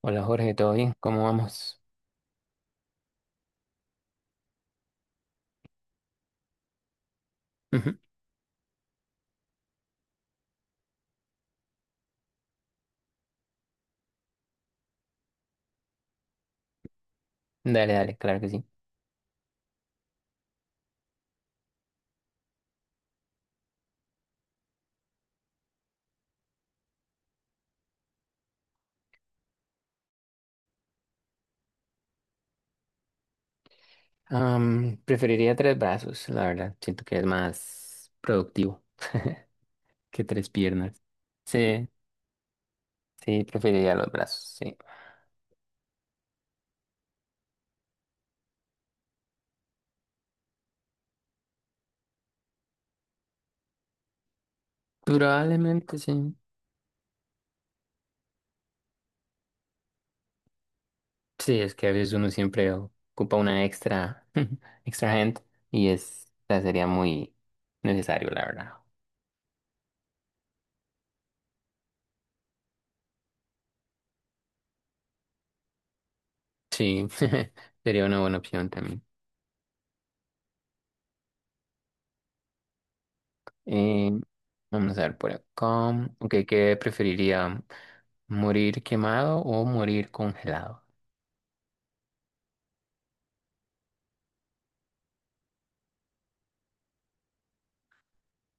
Hola Jorge, ¿todo bien? ¿Cómo vamos? Ujú. Dale, dale, claro que sí. Preferiría tres brazos, la verdad. Siento que es más productivo que tres piernas. Sí, sí, preferiría los brazos, sí. Probablemente sí. Sí, es que a veces uno siempre ocupa una extra, extra gente y es, o sea, sería muy necesario, la verdad. Sí, sería una buena opción también. Eh, Vamos a ver por acá. Ok, ¿qué preferiría? ¿Morir quemado o morir congelado?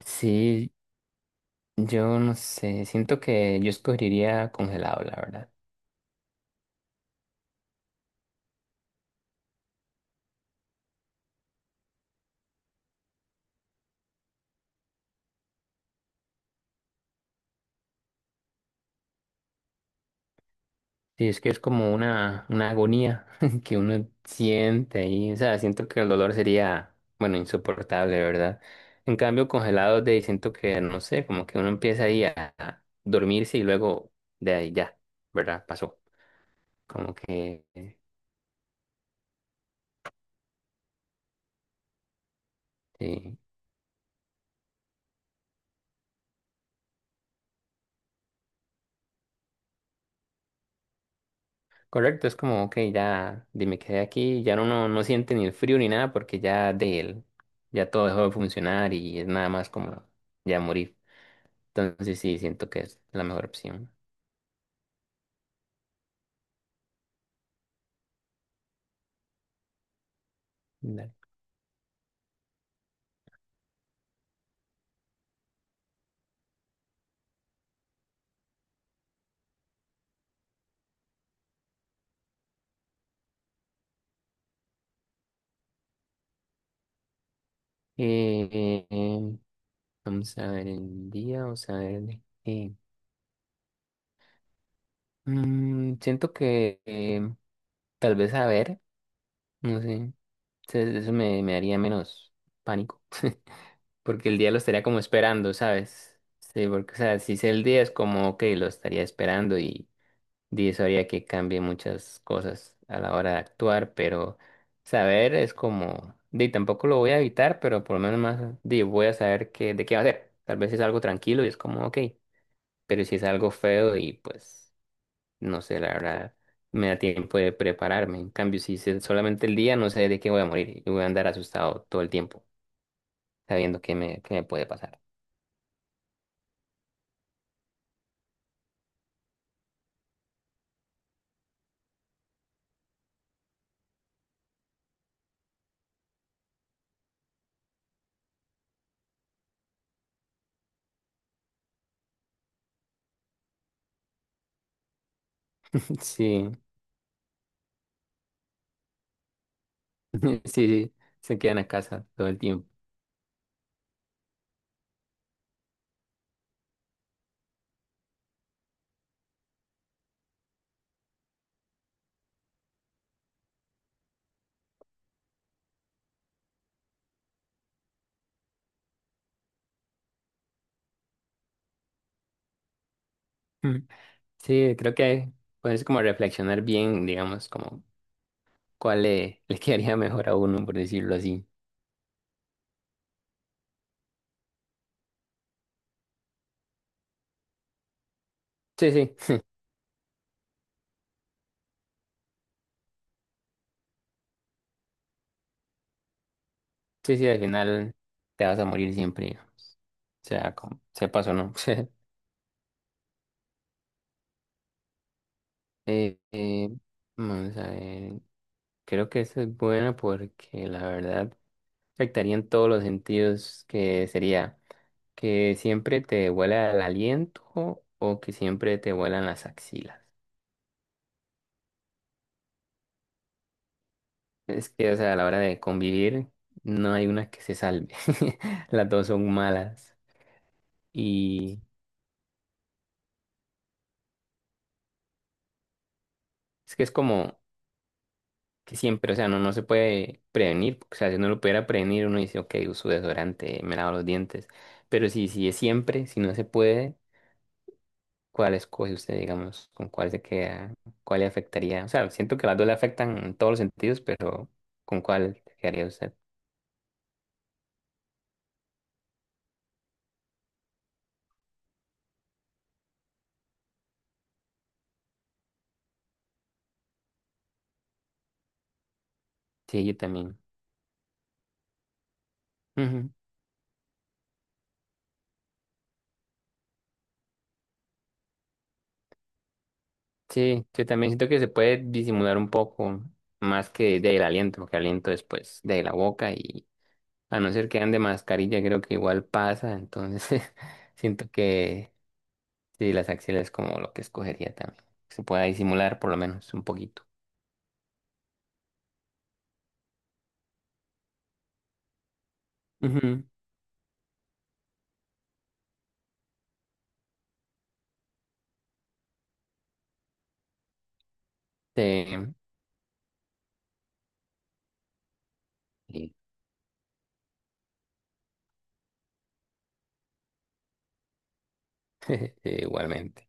Sí, yo no sé, siento que yo escogería congelado, la verdad. Sí, es que es como una agonía que uno siente ahí, o sea, siento que el dolor sería, bueno, insoportable, ¿verdad? En cambio, congelado, de ahí siento que, no sé, como que uno empieza ahí a dormirse y luego de ahí ya, ¿verdad? Pasó, como que, sí. Correcto, es como, ok, me quedé aquí, ya uno no siente ni el frío ni nada porque ya de él, ya todo dejó de funcionar y es nada más como ya morir. Entonces sí, siento que es la mejor opción. Dale. Eh, eh, Vamos a ver el día, vamos a ver de qué. Siento que tal vez a ver, no sé, eso me haría menos pánico. Porque el día lo estaría como esperando, ¿sabes? Sí, porque, o sea, si sé el día es como, que lo estaría esperando y eso haría que cambie muchas cosas a la hora de actuar, pero saber es como, di, tampoco lo voy a evitar, pero por lo menos más, di, voy a saber de qué va a ser. Tal vez es algo tranquilo y es como, ok, pero si es algo feo y pues, no sé, la verdad, me da tiempo de prepararme. En cambio, si es solamente el día, no sé de qué voy a morir y voy a andar asustado todo el tiempo, sabiendo qué me puede pasar. Sí. Sí, sí, se quedan a casa todo el tiempo. Sí, creo que puedes como reflexionar bien, digamos, como cuál le quedaría mejor a uno, por decirlo así. Sí, sí, sí, sí, al final te vas a morir siempre, o sea, como sepas o no. Eh, eh, Vamos a ver, creo que eso es bueno porque la verdad afectaría en todos los sentidos que sería que siempre te huela el aliento o que siempre te huelan las axilas. Es que, o sea, a la hora de convivir, no hay una que se salve. Las dos son malas. Y es que es como que siempre, o sea, no se puede prevenir. O sea, si uno lo pudiera prevenir, uno dice, ok, uso desodorante, me lavo los dientes. Pero si es siempre, si no se puede, ¿cuál escoge usted, digamos? ¿Con cuál se queda? ¿Cuál le afectaría? O sea, siento que las dos le afectan en todos los sentidos, pero ¿con cuál se quedaría usted? Sí, yo también. Sí, yo también siento que se puede disimular un poco más que del aliento, porque aliento después de la boca y a no ser que ande mascarilla, creo que igual pasa, entonces siento que sí, las axilas es como lo que escogería también, que se pueda disimular por lo menos un poquito. Ujú. Sí, sí, sí, igualmente.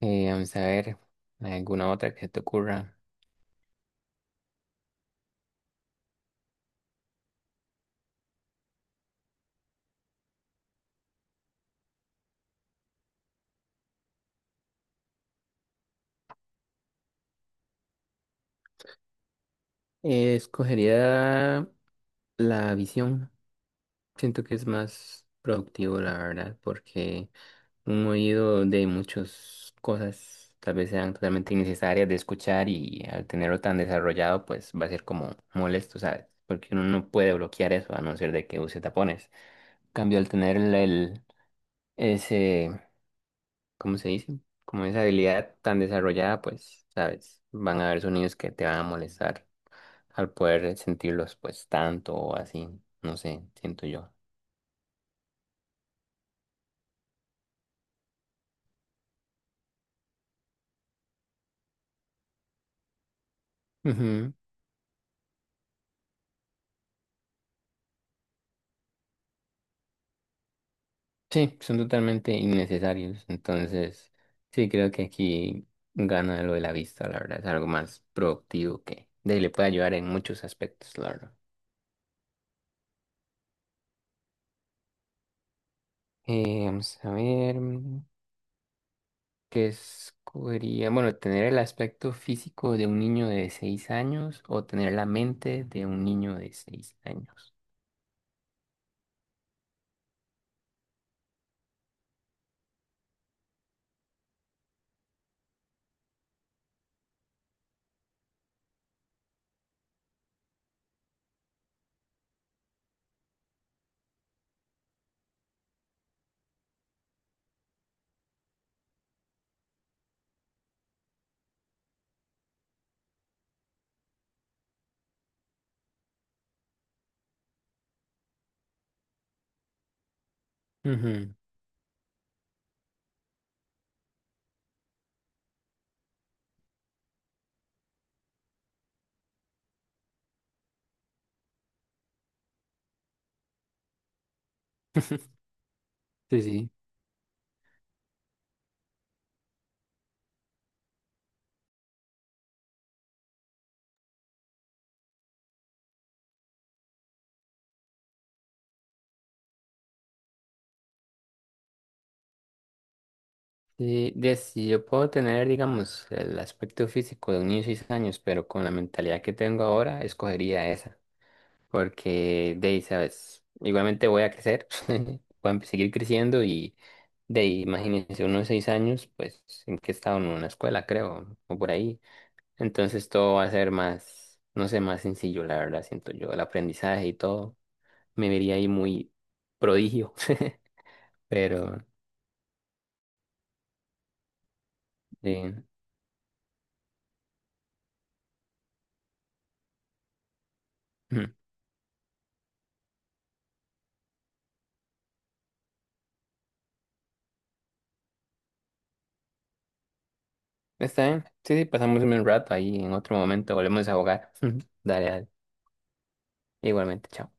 Vamos a ver, ¿alguna otra que se te ocurra? Escogería la visión, siento que es más productivo, la verdad, porque un oído de muchas cosas, tal vez sean totalmente innecesarias de escuchar y al tenerlo tan desarrollado, pues va a ser como molesto, ¿sabes? Porque uno no puede bloquear eso a no ser de que use tapones. En cambio, al tener ese, ¿cómo se dice? Como esa habilidad tan desarrollada, pues, ¿sabes? Van a haber sonidos que te van a molestar al poder sentirlos, pues, tanto o así, no sé, siento yo. Sí, son totalmente innecesarios. Entonces, sí, creo que aquí gana lo de la vista, la verdad. Es algo más productivo que le puede ayudar en muchos aspectos, la verdad. Vamos a ver qué escogería. Bueno, tener el aspecto físico de un niño de 6 años o tener la mente de un niño de 6 años. Ujú. Sí, sí. Sí, si yo puedo tener, digamos, el aspecto físico de un niño de 6 años, pero con la mentalidad que tengo ahora, escogería esa. Porque de ahí, sabes, igualmente voy a crecer, voy a seguir creciendo y de ahí, imagínense, unos 6 años, pues, en que he estado en una escuela, creo, o por ahí. Entonces todo va a ser más, no sé, más sencillo, la verdad, siento yo, el aprendizaje y todo, me vería ahí muy prodigio, pero eh, mm, está bien, sí, sí, pasamos un buen rato ahí, en otro momento volvemos a jugar. Dale, dale, igualmente, chao.